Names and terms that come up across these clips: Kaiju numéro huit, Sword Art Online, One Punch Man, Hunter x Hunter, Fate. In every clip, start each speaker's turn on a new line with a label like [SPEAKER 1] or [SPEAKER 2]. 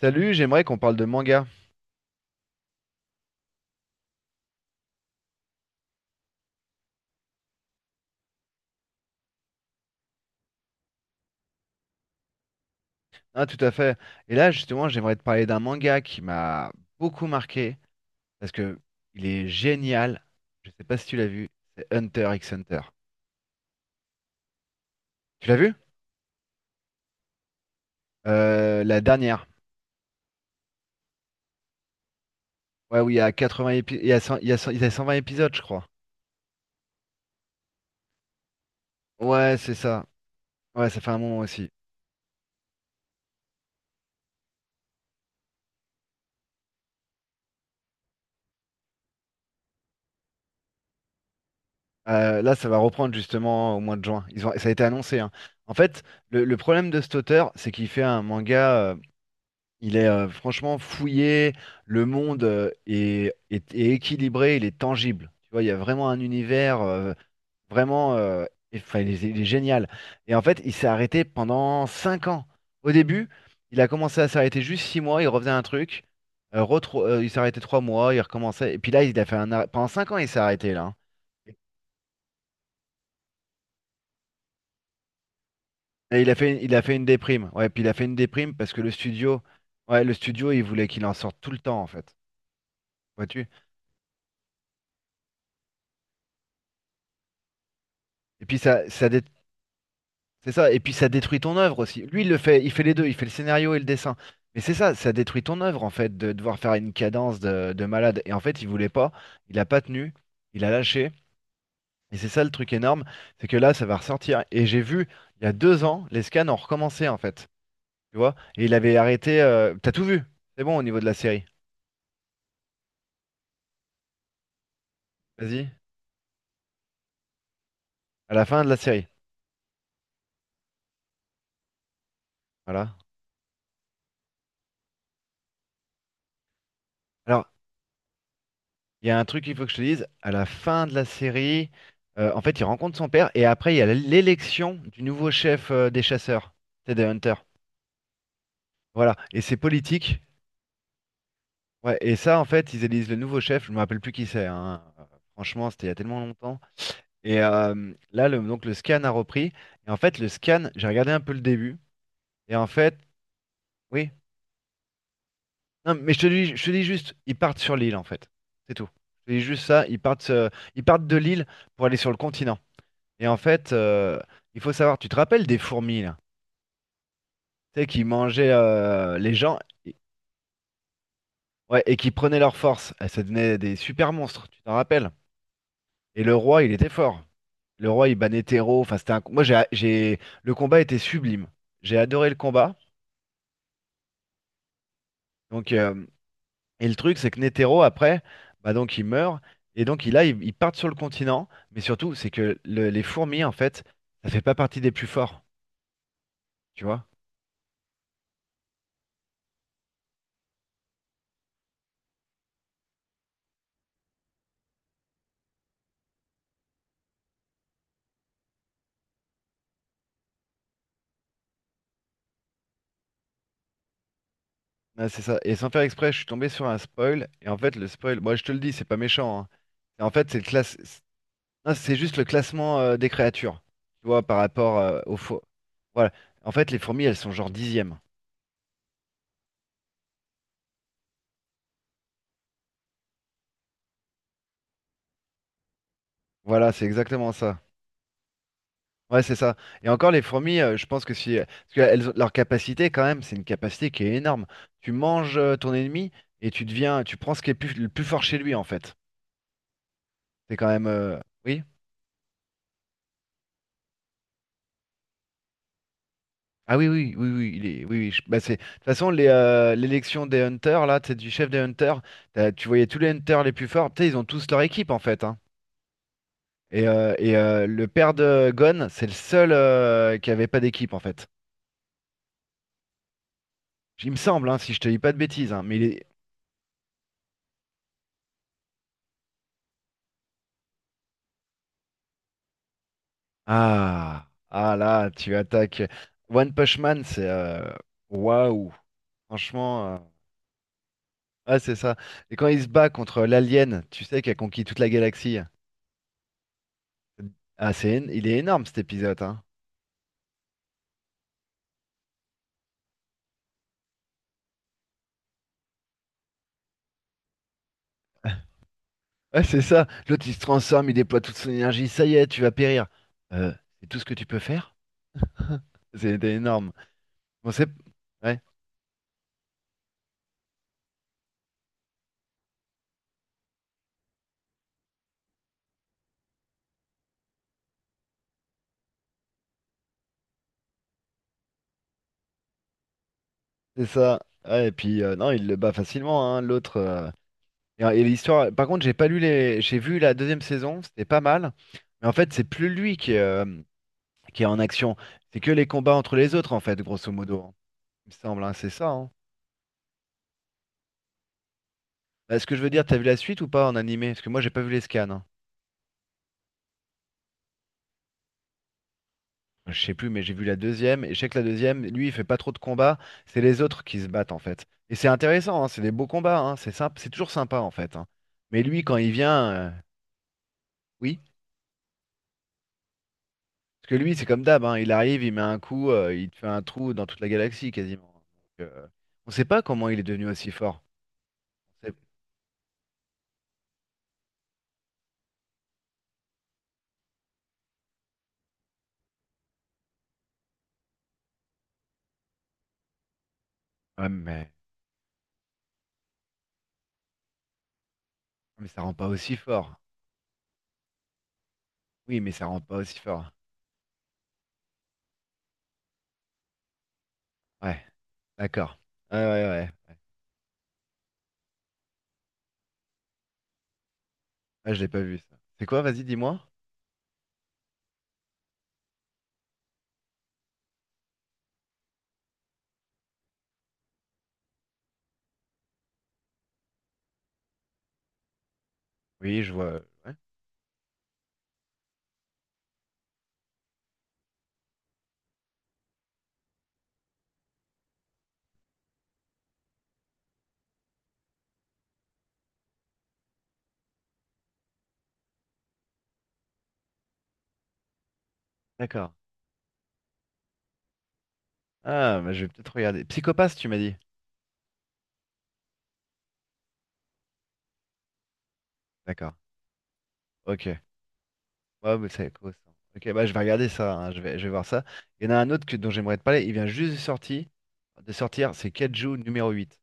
[SPEAKER 1] Salut, j'aimerais qu'on parle de manga. Ah, tout à fait. Et là, justement, j'aimerais te parler d'un manga qui m'a beaucoup marqué parce que il est génial. Je sais pas si tu l'as vu, c'est Hunter x Hunter. Tu l'as vu? La dernière. Ouais, oui, il y a 80 épi- il y a 100 il y a 120 épisodes, je crois. Ouais, c'est ça. Ouais, ça fait un moment aussi. Là, ça va reprendre justement au mois de juin. Ça a été annoncé, hein. En fait, le problème de cet auteur, c'est qu'il fait un manga, il est franchement fouillé, le monde est équilibré, il est tangible. Tu vois, il y a vraiment un univers vraiment, euh, enfin, il est génial. Et en fait, il s'est arrêté pendant 5 ans. Au début, il a commencé à s'arrêter juste 6 mois, il refaisait un truc. Il s'arrêtait 3 mois, il recommençait. Et puis là, il a fait pendant 5 ans, il s'est arrêté là, hein. Et il a fait une déprime. Ouais, puis il a fait une déprime parce que le studio, ouais, le studio, il voulait qu'il en sorte tout le temps, en fait. Vois-tu? Et puis ça dé- C'est ça, et puis ça détruit ton œuvre aussi. Lui, il le fait, il fait les deux, il fait le scénario et le dessin. Mais c'est ça, ça détruit ton œuvre en fait, de devoir faire une cadence de malade. Et en fait, il voulait pas, il a pas tenu, il a lâché. Et c'est ça le truc énorme, c'est que là, ça va ressortir. Et j'ai vu, il y a 2 ans, les scans ont recommencé en fait. Tu vois? Et il avait arrêté. T'as tout vu, c'est bon au niveau de la série. Vas-y, à la fin de la série. Voilà. Alors, il y a un truc qu'il faut que je te dise, à la fin de la série, en fait, il rencontre son père et après, il y a l'élection du nouveau chef, des chasseurs, c'est des hunters. Voilà, et c'est politique. Ouais, et ça, en fait, ils élisent le nouveau chef, je me rappelle plus qui c'est, hein. Franchement, c'était il y a tellement longtemps. Et là, le scan a repris. Et en fait, le scan, j'ai regardé un peu le début. Et en fait, oui. Non, mais je te dis juste, ils partent sur l'île, en fait. C'est tout. Je te dis juste ça, ils partent de l'île pour aller sur le continent. Et en fait, il faut savoir, tu te rappelles des fourmis là? Tu sais, qui mangeaient les gens et, ouais, et qui prenaient leur force. Elles, ça devenait des super monstres, tu t'en rappelles? Et le roi, il était fort. Le roi, il bannait Théro. Enfin, c'était un... Le combat était sublime. J'ai adoré le combat. Donc, et le truc, c'est que Netero, après, bah donc il meurt. Et donc, il, là, ils ils partent sur le continent. Mais surtout, c'est que les fourmis, en fait, ça fait pas partie des plus forts. Tu vois? Ah, c'est ça. Et sans faire exprès, je suis tombé sur un spoil. Et en fait, le spoil, moi je te le dis, c'est pas méchant, hein. Et en fait, c'est le classe... c'est non, c'est juste le classement des créatures. Tu vois, par rapport aux faux. Voilà. En fait, les fourmis, elles sont genre dixièmes. Voilà, c'est exactement ça. Ouais, c'est ça. Et encore, les fourmis, je pense que si. Parce que leur capacité, quand même, c'est une capacité qui est énorme. Tu manges ton ennemi et tu deviens. Tu prends ce qui est le plus fort chez lui, en fait. C'est quand même. Oui? Ah oui, oui, oui, oui, oui, oui, bah c'est, de toute façon, l'élection des Hunters, là, c'est du chef des Hunters, tu voyais tous les Hunters les plus forts, tu sais, ils ont tous leur équipe, en fait, hein. Et le père de Gon, c'est le seul qui avait pas d'équipe, en fait. Il me semble, hein, si je te dis pas de bêtises, hein, mais il est... Ah, ah là, tu attaques. One Punch Man, waouh, franchement... Ah, c'est ça. Et quand il se bat contre l'alien, tu sais, qui a conquis toute la galaxie, ah, il est énorme, cet épisode, hein. Ouais, c'est ça. L'autre, il se transforme, il déploie toute son énergie. Ça y est, tu vas périr. Euh, c'est tout ce que tu peux faire? C'était énorme. Bon, ouais, c'est ça. Ouais, et puis, non, il le bat facilement, hein, l'autre. Et l'histoire... Par contre, j'ai pas lu les... J'ai vu la deuxième saison, c'était pas mal. Mais en fait, c'est plus lui qui est en action. C'est que les combats entre les autres, en fait, grosso modo, hein. Il me semble, hein, c'est ça, hein. Bah, est-ce que je veux dire, t'as vu la suite ou pas en animé? Parce que moi, j'ai pas vu les scans, hein. Je sais plus, mais j'ai vu la deuxième, et je sais que la deuxième, lui, il fait pas trop de combats, c'est les autres qui se battent en fait. Et c'est intéressant, hein, c'est des beaux combats, hein, c'est sympa, c'est toujours sympa en fait. Hein. Mais lui, quand il vient, oui, parce que lui, c'est comme d'hab, hein, il arrive, il met un coup, il te fait un trou dans toute la galaxie quasiment. Donc, on sait pas comment il est devenu aussi fort. On sait- Ouais, mais ça rend pas aussi fort. Oui, mais ça rend pas aussi fort. Ouais, d'accord. Ouais, ouais, ouais, ouais. Ah, je l'ai pas vu ça. C'est quoi, vas-y, dis-moi. Oui, je vois, ouais. D'accord. Ah, bah, je vais peut-être regarder. Psychopathe, tu m'as dit. D'accord. Ok. Ouais, mais c'est quoi ça? Ok, bah je vais regarder ça, hein. Je vais, je vais, voir ça. Il y en a un autre dont j'aimerais te parler. Il vient juste de sortir. De sortir, c'est Kaiju numéro 8.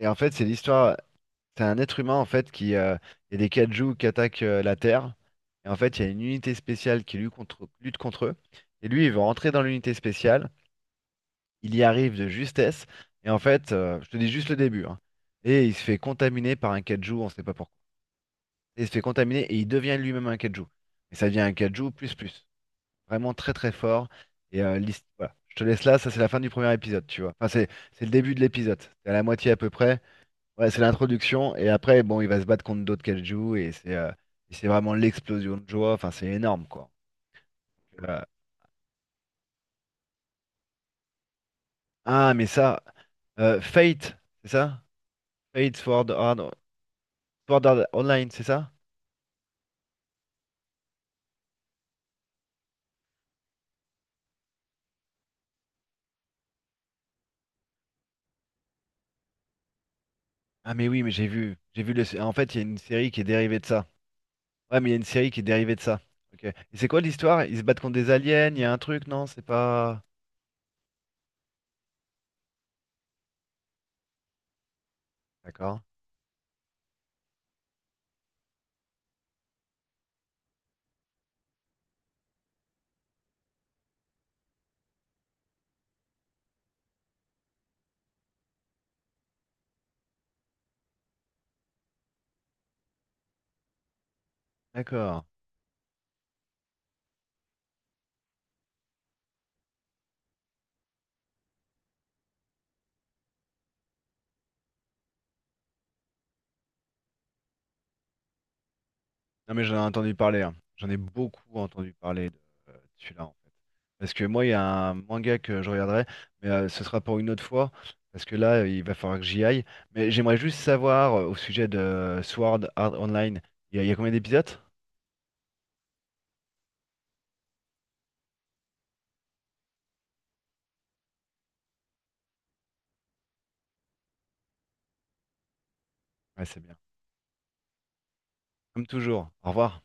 [SPEAKER 1] Et en fait, c'est l'histoire. C'est un être humain en fait qui. Il y a des Kaiju qui attaquent la Terre. Et en fait, il y a une unité spéciale qui lutte contre eux. Et lui, il veut rentrer dans l'unité spéciale. Il y arrive de justesse. Et en fait, je te dis juste le début, hein. Et il se fait contaminer par un Kaiju, on sait pas pourquoi. Et il se fait contaminer et il devient lui-même un kaiju. Et ça devient un kaiju plus plus. Vraiment très très fort. Et voilà. Je te laisse là, ça c'est la fin du premier épisode, tu vois. Enfin, c'est le début de l'épisode. C'est à la moitié à peu près. Ouais, c'est l'introduction. Et après, bon, il va se battre contre d'autres kaiju et c'est vraiment l'explosion de joie. Enfin, c'est énorme, quoi. Euh, ah, mais ça. Fate, c'est ça? Fate Sword Art- Sword Art Online, c'est ça? Ah mais oui, mais j'ai vu le... En fait, il y a une série qui est dérivée de ça. Ouais, mais il y a une série qui est dérivée de ça. Ok. Et c'est quoi l'histoire? Ils se battent contre des aliens, il y a un truc, non? C'est pas. D'accord. D'accord. Non, mais j'en ai entendu parler, hein. J'en ai beaucoup entendu parler de celui-là, en fait. Parce que moi, il y a un manga que je regarderai, mais ce sera pour une autre fois. Parce que là, il va falloir que j'y aille. Mais j'aimerais juste savoir au sujet de Sword Art Online, il y a combien d'épisodes? Ouais, c'est bien. Comme toujours. Au revoir.